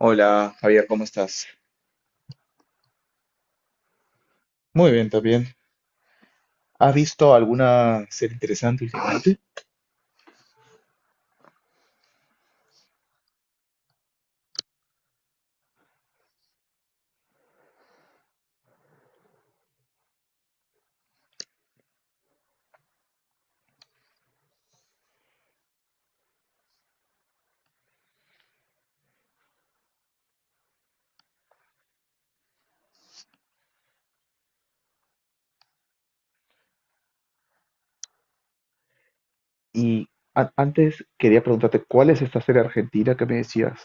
Hola, Javier, ¿cómo estás? Muy bien, también. ¿Has visto alguna serie interesante últimamente? Y antes quería preguntarte, ¿cuál es esta serie argentina que me decías?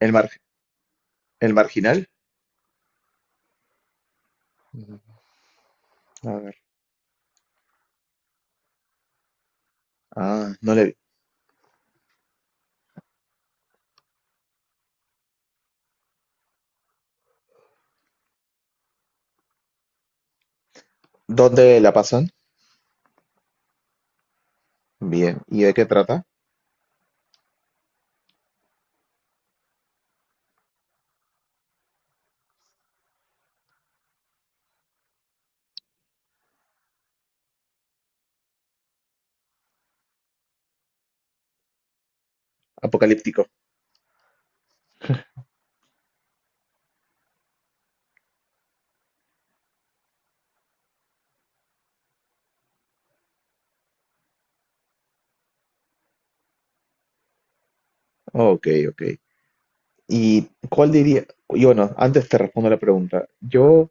¿El mar, el marginal? Mm. A ver. Ah, no le vi. ¿Dónde la pasan? Bien. ¿Y de qué trata? Apocalíptico. Ok, ok. ¿Y cuál diría? Y bueno, antes te respondo la pregunta. Yo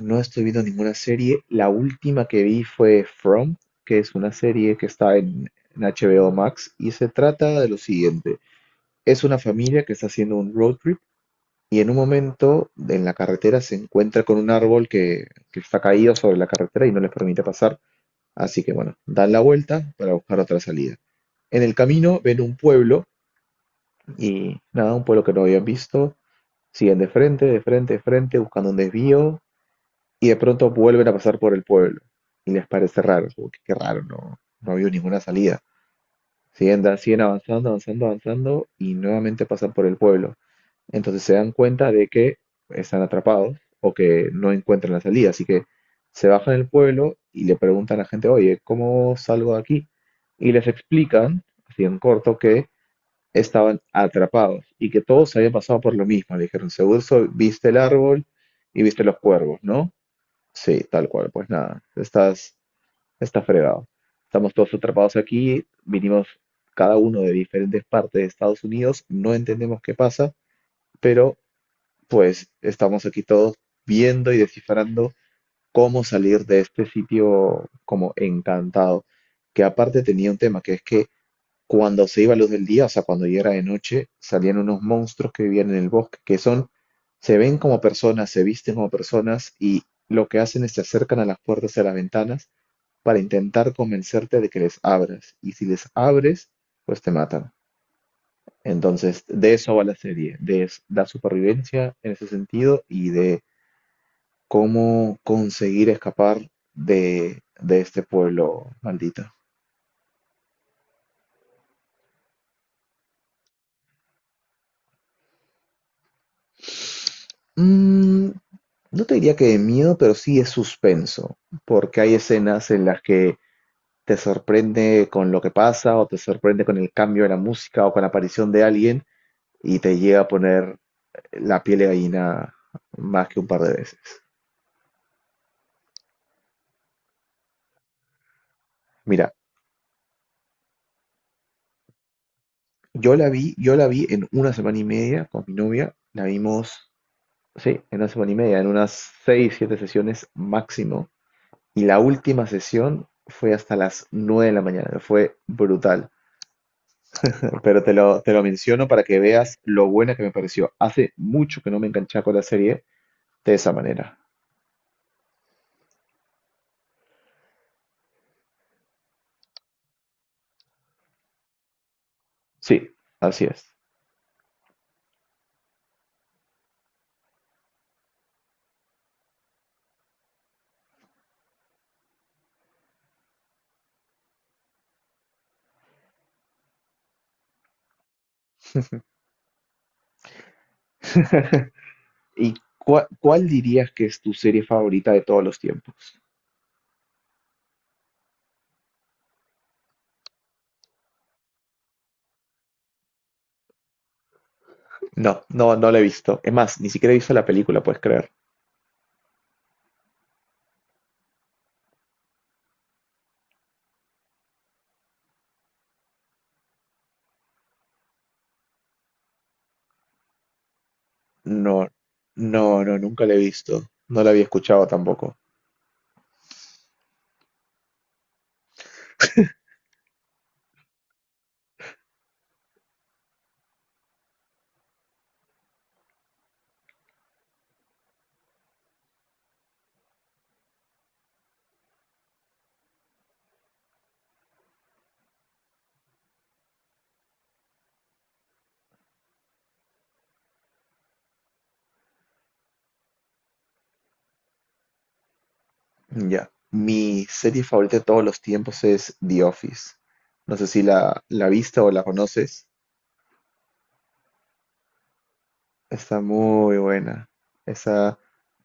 no estoy viendo ninguna serie. La última que vi fue From, que es una serie que está en HBO Max y se trata de lo siguiente. Es una familia que está haciendo un road trip y en un momento en la carretera se encuentra con un árbol que está caído sobre la carretera y no les permite pasar. Así que bueno, dan la vuelta para buscar otra salida. En el camino ven un pueblo y nada, un pueblo que no habían visto. Siguen de frente, de frente, de frente, buscando un desvío y de pronto vuelven a pasar por el pueblo y les parece raro, como que qué raro, no, no ha ninguna salida. Siguen avanzando, avanzando, avanzando y nuevamente pasan por el pueblo. Entonces se dan cuenta de que están atrapados o que no encuentran la salida, así que se bajan del pueblo y le preguntan a la gente, oye, ¿cómo salgo de aquí? Y les explican, así en corto, que estaban atrapados y que todos habían pasado por lo mismo. Le dijeron, seguro viste el árbol y viste los cuervos, ¿no? Sí, tal cual. Pues nada, está fregado. Estamos todos atrapados aquí, vinimos cada uno de diferentes partes de Estados Unidos, no entendemos qué pasa, pero pues estamos aquí todos viendo y descifrando cómo salir de este sitio como encantado, que aparte tenía un tema, que es que cuando se iba la luz del día, o sea, cuando ya era de noche, salían unos monstruos que vivían en el bosque, que son, se ven como personas, se visten como personas y lo que hacen es se acercan a las puertas y a las ventanas para intentar convencerte de que les abras. Y si les abres, pues te matan. Entonces, de eso va la serie, la supervivencia en ese sentido y de cómo conseguir escapar de este pueblo maldito. Mm, no te diría que de miedo, pero sí es suspenso, porque hay escenas en las que te sorprende con lo que pasa o te sorprende con el cambio de la música o con la aparición de alguien y te llega a poner la piel de gallina más que un par de veces. Mira, yo la vi en una semana y media con mi novia, la vimos, sí, en una semana y media, en unas seis, siete sesiones máximo, y la última sesión fue hasta las nueve de la mañana, fue brutal. Pero te lo menciono para que veas lo buena que me pareció. Hace mucho que no me enganchaba con la serie de esa manera. Sí, así es. ¿Y cuál dirías que es tu serie favorita de todos los tiempos? No, no, no la he visto. Es más, ni siquiera he visto la película, puedes creer. No, no, no, nunca la he visto. No la había escuchado tampoco. Ya. Mi serie favorita de todos los tiempos es The Office. No sé si la viste o la conoces. Está muy buena. Esa,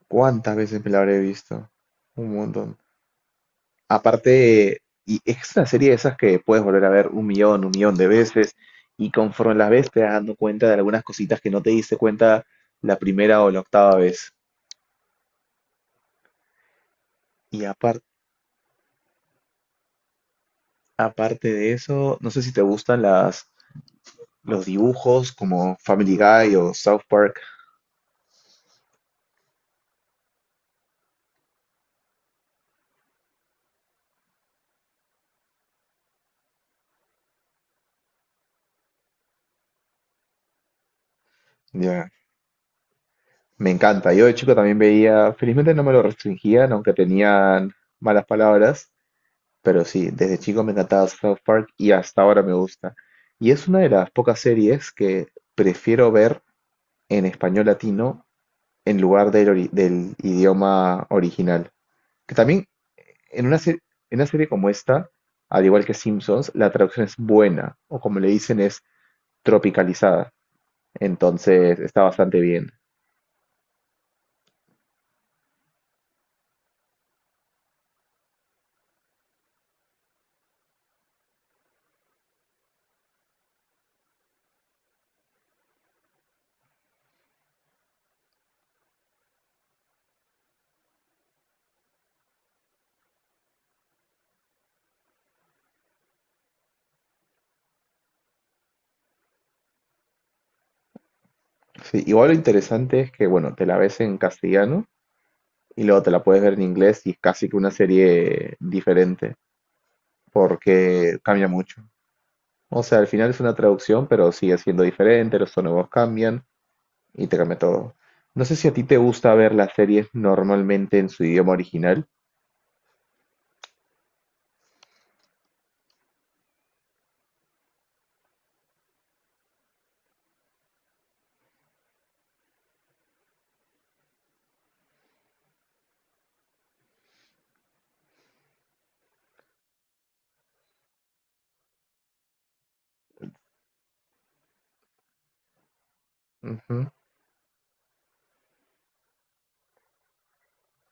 ¿cuántas veces me la habré visto? Un montón. Aparte, y es una serie de esas que puedes volver a ver un millón de veces, y conforme las ves te vas dando cuenta de algunas cositas que no te diste cuenta la primera o la octava vez. Y aparte de eso, no sé si te gustan los dibujos como Family Guy o South Park. Ya, me encanta. Yo de chico también veía, felizmente no me lo restringían, aunque tenían malas palabras, pero sí, desde chico me encantaba South Park y hasta ahora me gusta. Y es una de las pocas series que prefiero ver en español latino en lugar del, del idioma original. Que también en una, se- en una serie como esta, al igual que Simpsons, la traducción es buena, o como le dicen, es tropicalizada. Entonces está bastante bien. Sí, igual lo interesante es que, bueno, te la ves en castellano y luego te la puedes ver en inglés y es casi que una serie diferente, porque cambia mucho. O sea, al final es una traducción, pero sigue siendo diferente, los sonidos cambian y te cambia todo. No sé si a ti te gusta ver las series normalmente en su idioma original. Ujú.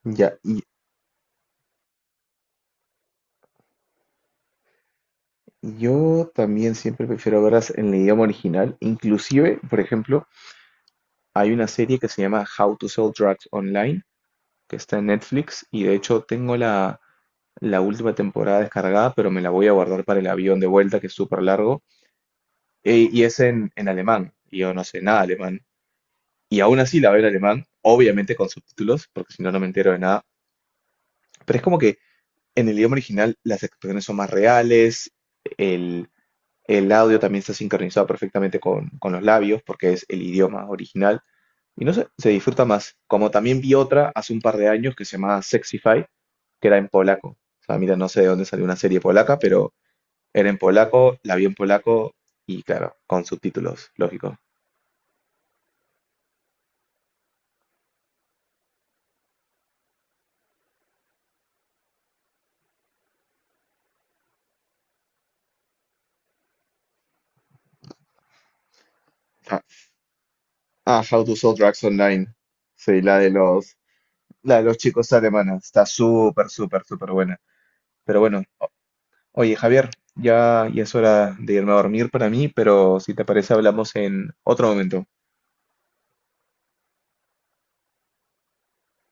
Ya, y yo también siempre prefiero verlas en el idioma original. Inclusive, por ejemplo, hay una serie que se llama How to Sell Drugs Online, que está en Netflix, y de hecho tengo la última temporada descargada, pero me la voy a guardar para el avión de vuelta, que es súper largo. Y es en alemán. Y yo no sé nada de alemán. Y aún así la veo en alemán, obviamente con subtítulos, porque si no, no me entero de nada. Pero es como que en el idioma original las expresiones son más reales, el, el audio también está sincronizado perfectamente con los labios, porque es el idioma original. Y no sé, se disfruta más. Como también vi otra hace un par de años que se llamaba Sexify, que era en polaco. O sea, mira, no sé de dónde salió una serie polaca, pero era en polaco, la vi en polaco y claro, con subtítulos, lógico. Ah, How to Sell Drugs Online. Sí, la de los chicos alemanes. Está súper, súper, súper buena. Pero bueno, oye, Javier, ya es hora de irme a dormir para mí, pero si te parece hablamos en otro momento.